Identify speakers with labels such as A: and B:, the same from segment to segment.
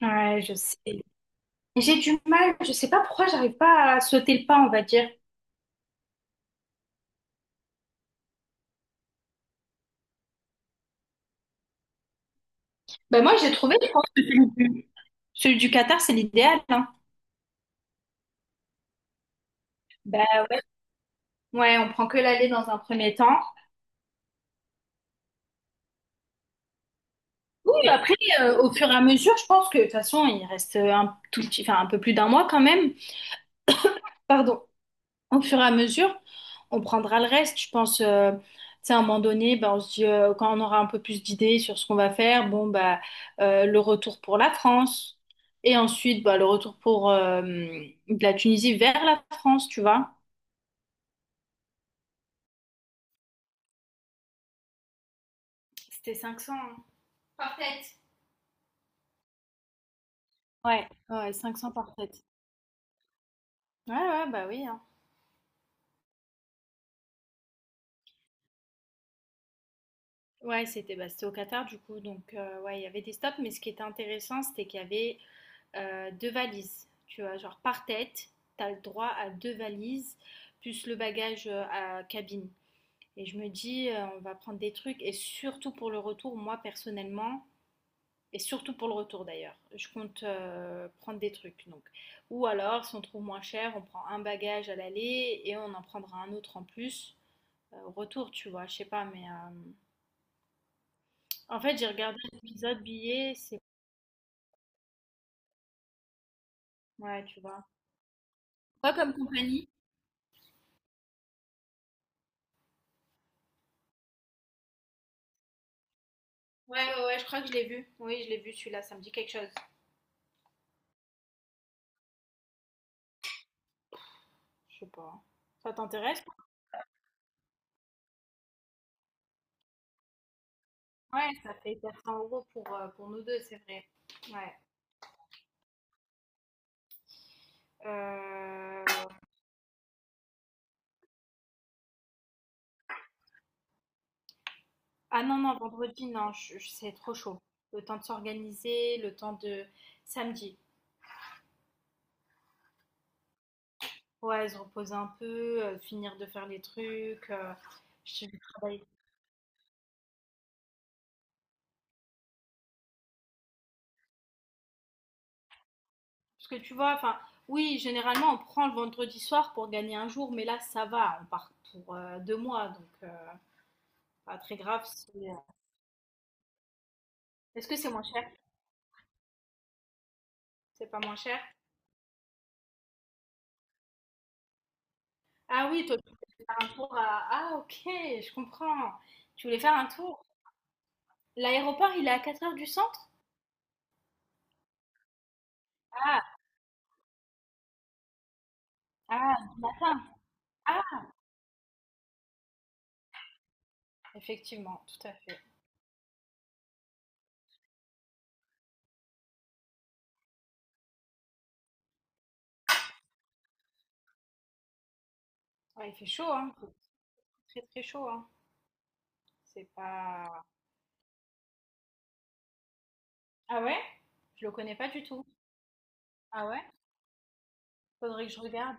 A: Ouais, je sais. J'ai du mal, je sais pas pourquoi j'arrive pas à sauter le pas, on va dire. Ben moi, j'ai trouvé, je pense que celui du Qatar, c'est l'idéal, hein. Ben ouais, on prend que l'aller dans un premier temps. Oui, après, au fur et à mesure, je pense que de toute façon, il reste un tout petit, enfin un peu plus d'un mois quand même. Pardon. Au fur et à mesure, on prendra le reste. Je pense, tu sais, à un moment donné, ben, on se dit, quand on aura un peu plus d'idées sur ce qu'on va faire, bon, bah, le retour pour la France. Et ensuite, bah, le retour pour de la Tunisie vers la France, tu vois. C'était 500, hein. Par tête. Ouais, ouais, 500 par tête. Ouais, ouais, bah oui, hein. Ouais, c'était au Qatar, du coup. Donc, ouais, il y avait des stops. Mais ce qui était intéressant, c'était qu'il y avait deux valises. Tu vois, genre par tête, tu as le droit à deux valises, plus le bagage à cabine. Et je me dis, on va prendre des trucs, et surtout pour le retour, moi personnellement, et surtout pour le retour d'ailleurs, je compte prendre des trucs. Donc. Ou alors, si on trouve moins cher, on prend un bagage à l'aller et on en prendra un autre en plus au retour, tu vois. Je sais pas, mais en fait, j'ai regardé l'épisode billet, c'est. Ouais, tu vois. Pas comme compagnie. Ouais, ouais, ouais, je crois que je l'ai vu. Oui, je l'ai vu celui-là, ça me dit quelque chose. Je sais pas. Ça t'intéresse? Ouais, ça fait 400 euros pour, pour nous deux, c'est vrai. Ouais. Euh, Ah non, non, vendredi, non, c'est trop chaud. Le temps de s'organiser, le temps de samedi. Ouais, se reposer un peu, finir de faire les trucs. Je vais travailler. Parce que tu vois, enfin, oui, généralement, on prend le vendredi soir pour gagner un jour, mais là, ça va. On part pour 2 mois, donc pas très grave si, Est-ce que c'est moins cher? C'est pas moins cher? Ah oui, toi, tu voulais faire un tour. Ah, ok, je comprends. Tu voulais faire un tour. L'aéroport, il est à 4 heures du centre? Ah, ah, du matin. Ah, effectivement, tout à fait. Ouais, il fait chaud, hein. Il fait très très chaud, hein. C'est pas. Ah ouais? Je le connais pas du tout. Ah ouais? Faudrait que je regarde.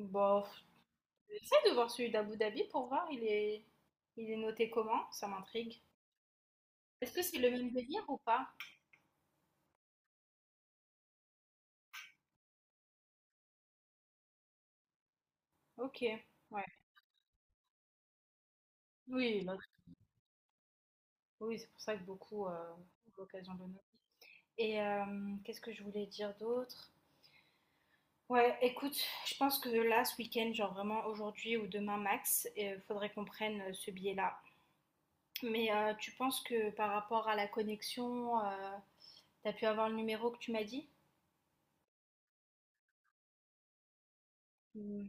A: Bof. J'essaie de voir celui d'Abu Dhabi pour voir, il est. Il est noté comment? Ça m'intrigue. Est-ce que c'est le même délire ou pas? Ok, ouais. Oui, oui, c'est pour ça que beaucoup ont l'occasion de nous. Et qu'est-ce que je voulais dire d'autre? Ouais, écoute, je pense que là, ce week-end, genre vraiment aujourd'hui ou demain max, il faudrait qu'on prenne ce billet-là. Mais tu penses que par rapport à la connexion, t'as pu avoir le numéro que tu m'as dit? Hmm.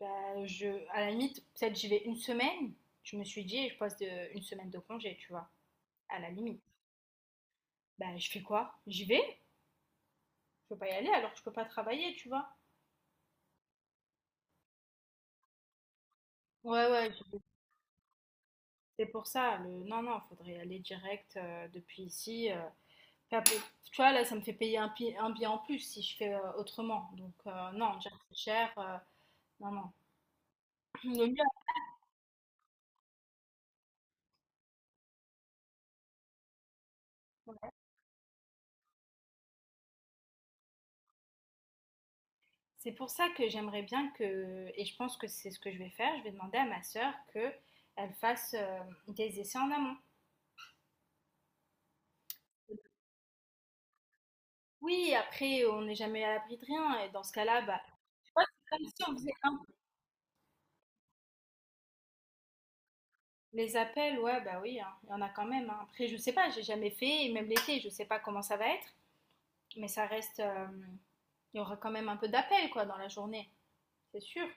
A: Bah, je, à la limite, peut-être j'y vais une semaine. Je me suis dit, je passe de, une semaine de congé, tu vois. À la limite. Bah, je fais quoi? J'y vais? Je peux pas y aller alors que je peux pas travailler, tu vois. Ouais, ouais, c'est pour ça. Non, non, il faudrait aller direct depuis ici. Enfin. Tu vois, là, ça me fait payer un billet en plus si je fais autrement. Donc, non, déjà, c'est cher. Non, non. Le mieux, ouais. C'est pour ça que j'aimerais bien que, et je pense que c'est ce que je vais faire, je vais demander à ma sœur que elle fasse des essais en amont. Oui, après, on n'est jamais à l'abri de rien. Et dans ce cas-là, bah, tu vois, c'est comme si on faisait un. Les appels, ouais, bah oui, hein, il y en a quand même, hein. Après, je sais pas, j'ai jamais fait, et même l'été, je sais pas comment ça va être. Mais ça reste. Il y aura quand même un peu d'appel, quoi, dans la journée. C'est sûr.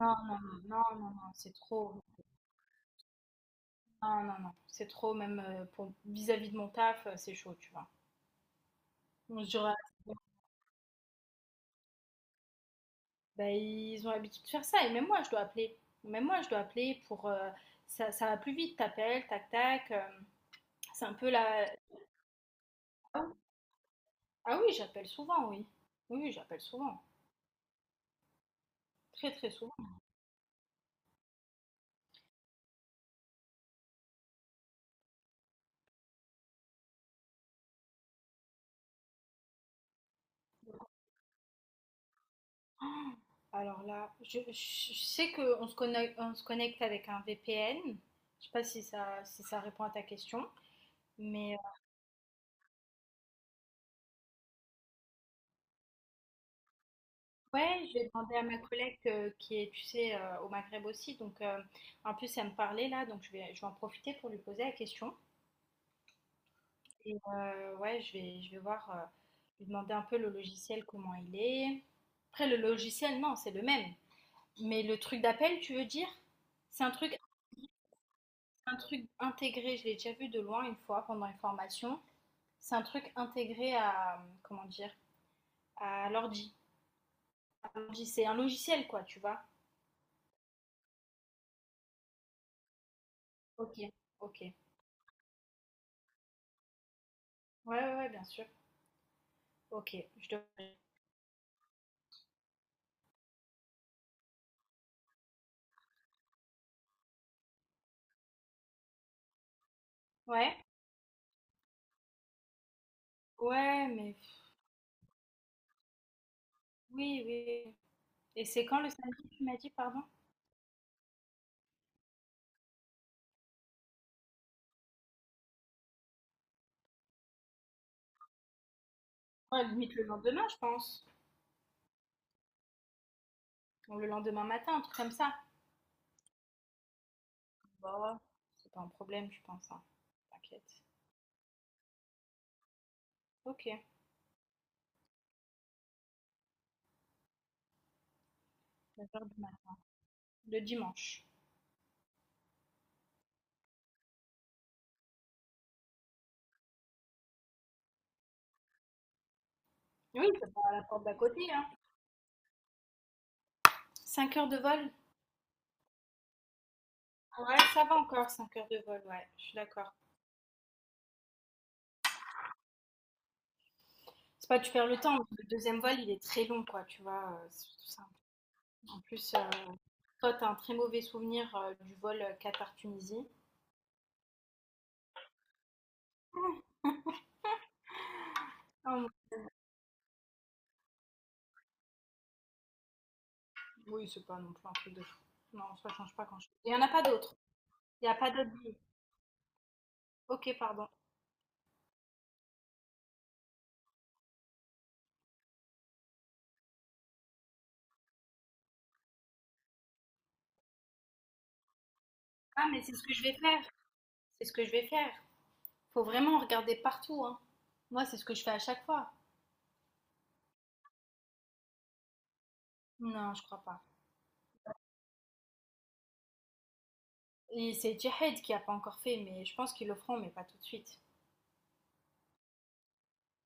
A: Non, non, non, non, non, non, c'est trop. Non, non, non. C'est trop, même pour vis-à-vis de mon taf, c'est chaud, tu vois. On se dira, bah, ils ont l'habitude de faire ça. Et même moi, je dois appeler. Même moi, je dois appeler pour. Ça, ça va plus vite, t'appelles, tac, tac. C'est un peu la. Ah oui, j'appelle souvent, oui. Oui, oui, j'appelle souvent. Très, très souvent. Alors là, sais qu'on se connecte avec un VPN. Je sais pas si ça répond à ta question. Mais ouais, je vais demander à ma collègue qui est, tu sais, au Maghreb aussi. Donc en plus, elle me parlait là, donc je vais en profiter pour lui poser la question. Et ouais, je vais voir, lui demander un peu le logiciel, comment il est. Après, le logiciel, non, c'est le même. Mais le truc d'appel, tu veux dire? C'est un truc intégré, je l'ai déjà vu de loin une fois pendant une formation. C'est un truc intégré à, comment dire, à l'ordi. À l'ordi, c'est un logiciel, quoi, tu vois. Ok, ok. Ouais, ouais, ouais, bien sûr. Ok, je te. Ouais, ouais, mais oui, oui. Et c'est quand le samedi, tu m'as dit, pardon? Ouais, limite le lendemain, je pense. Ou le lendemain matin, un truc comme ça. Bah, c'est pas un problème, je pense, hein. T'inquiète. Ok, 9 heures du mat. Le dimanche. Oui, c'est pas à la porte d'à côté, hein. 5 heures de vol? Ouais, ça va encore, 5 heures de vol, ouais, je suis d'accord. C'est pas tu perds le temps, le deuxième vol, il est très long, quoi, tu vois, c'est tout ça. En plus, toi, t'as un très mauvais souvenir du vol Qatar-Tunisie. Ah, non, oui, c'est pas non plus un truc de fou. Non, ça change pas. Il y en a pas d'autres. Il y a pas d'autres billets. Ok, pardon. Ah, mais c'est ce que je vais faire. C'est ce que je vais faire. Faut vraiment regarder partout, hein. Moi, c'est ce que je fais à chaque fois. Non, je crois pas. Et c'est Jahed qui a pas encore fait, mais je pense qu'ils le feront, mais pas tout de suite.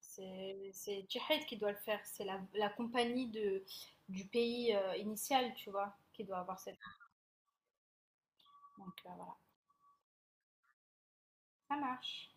A: C'est Jihad qui doit le faire, c'est la compagnie du pays initial, tu vois, qui doit avoir cette. Donc voilà, ça marche.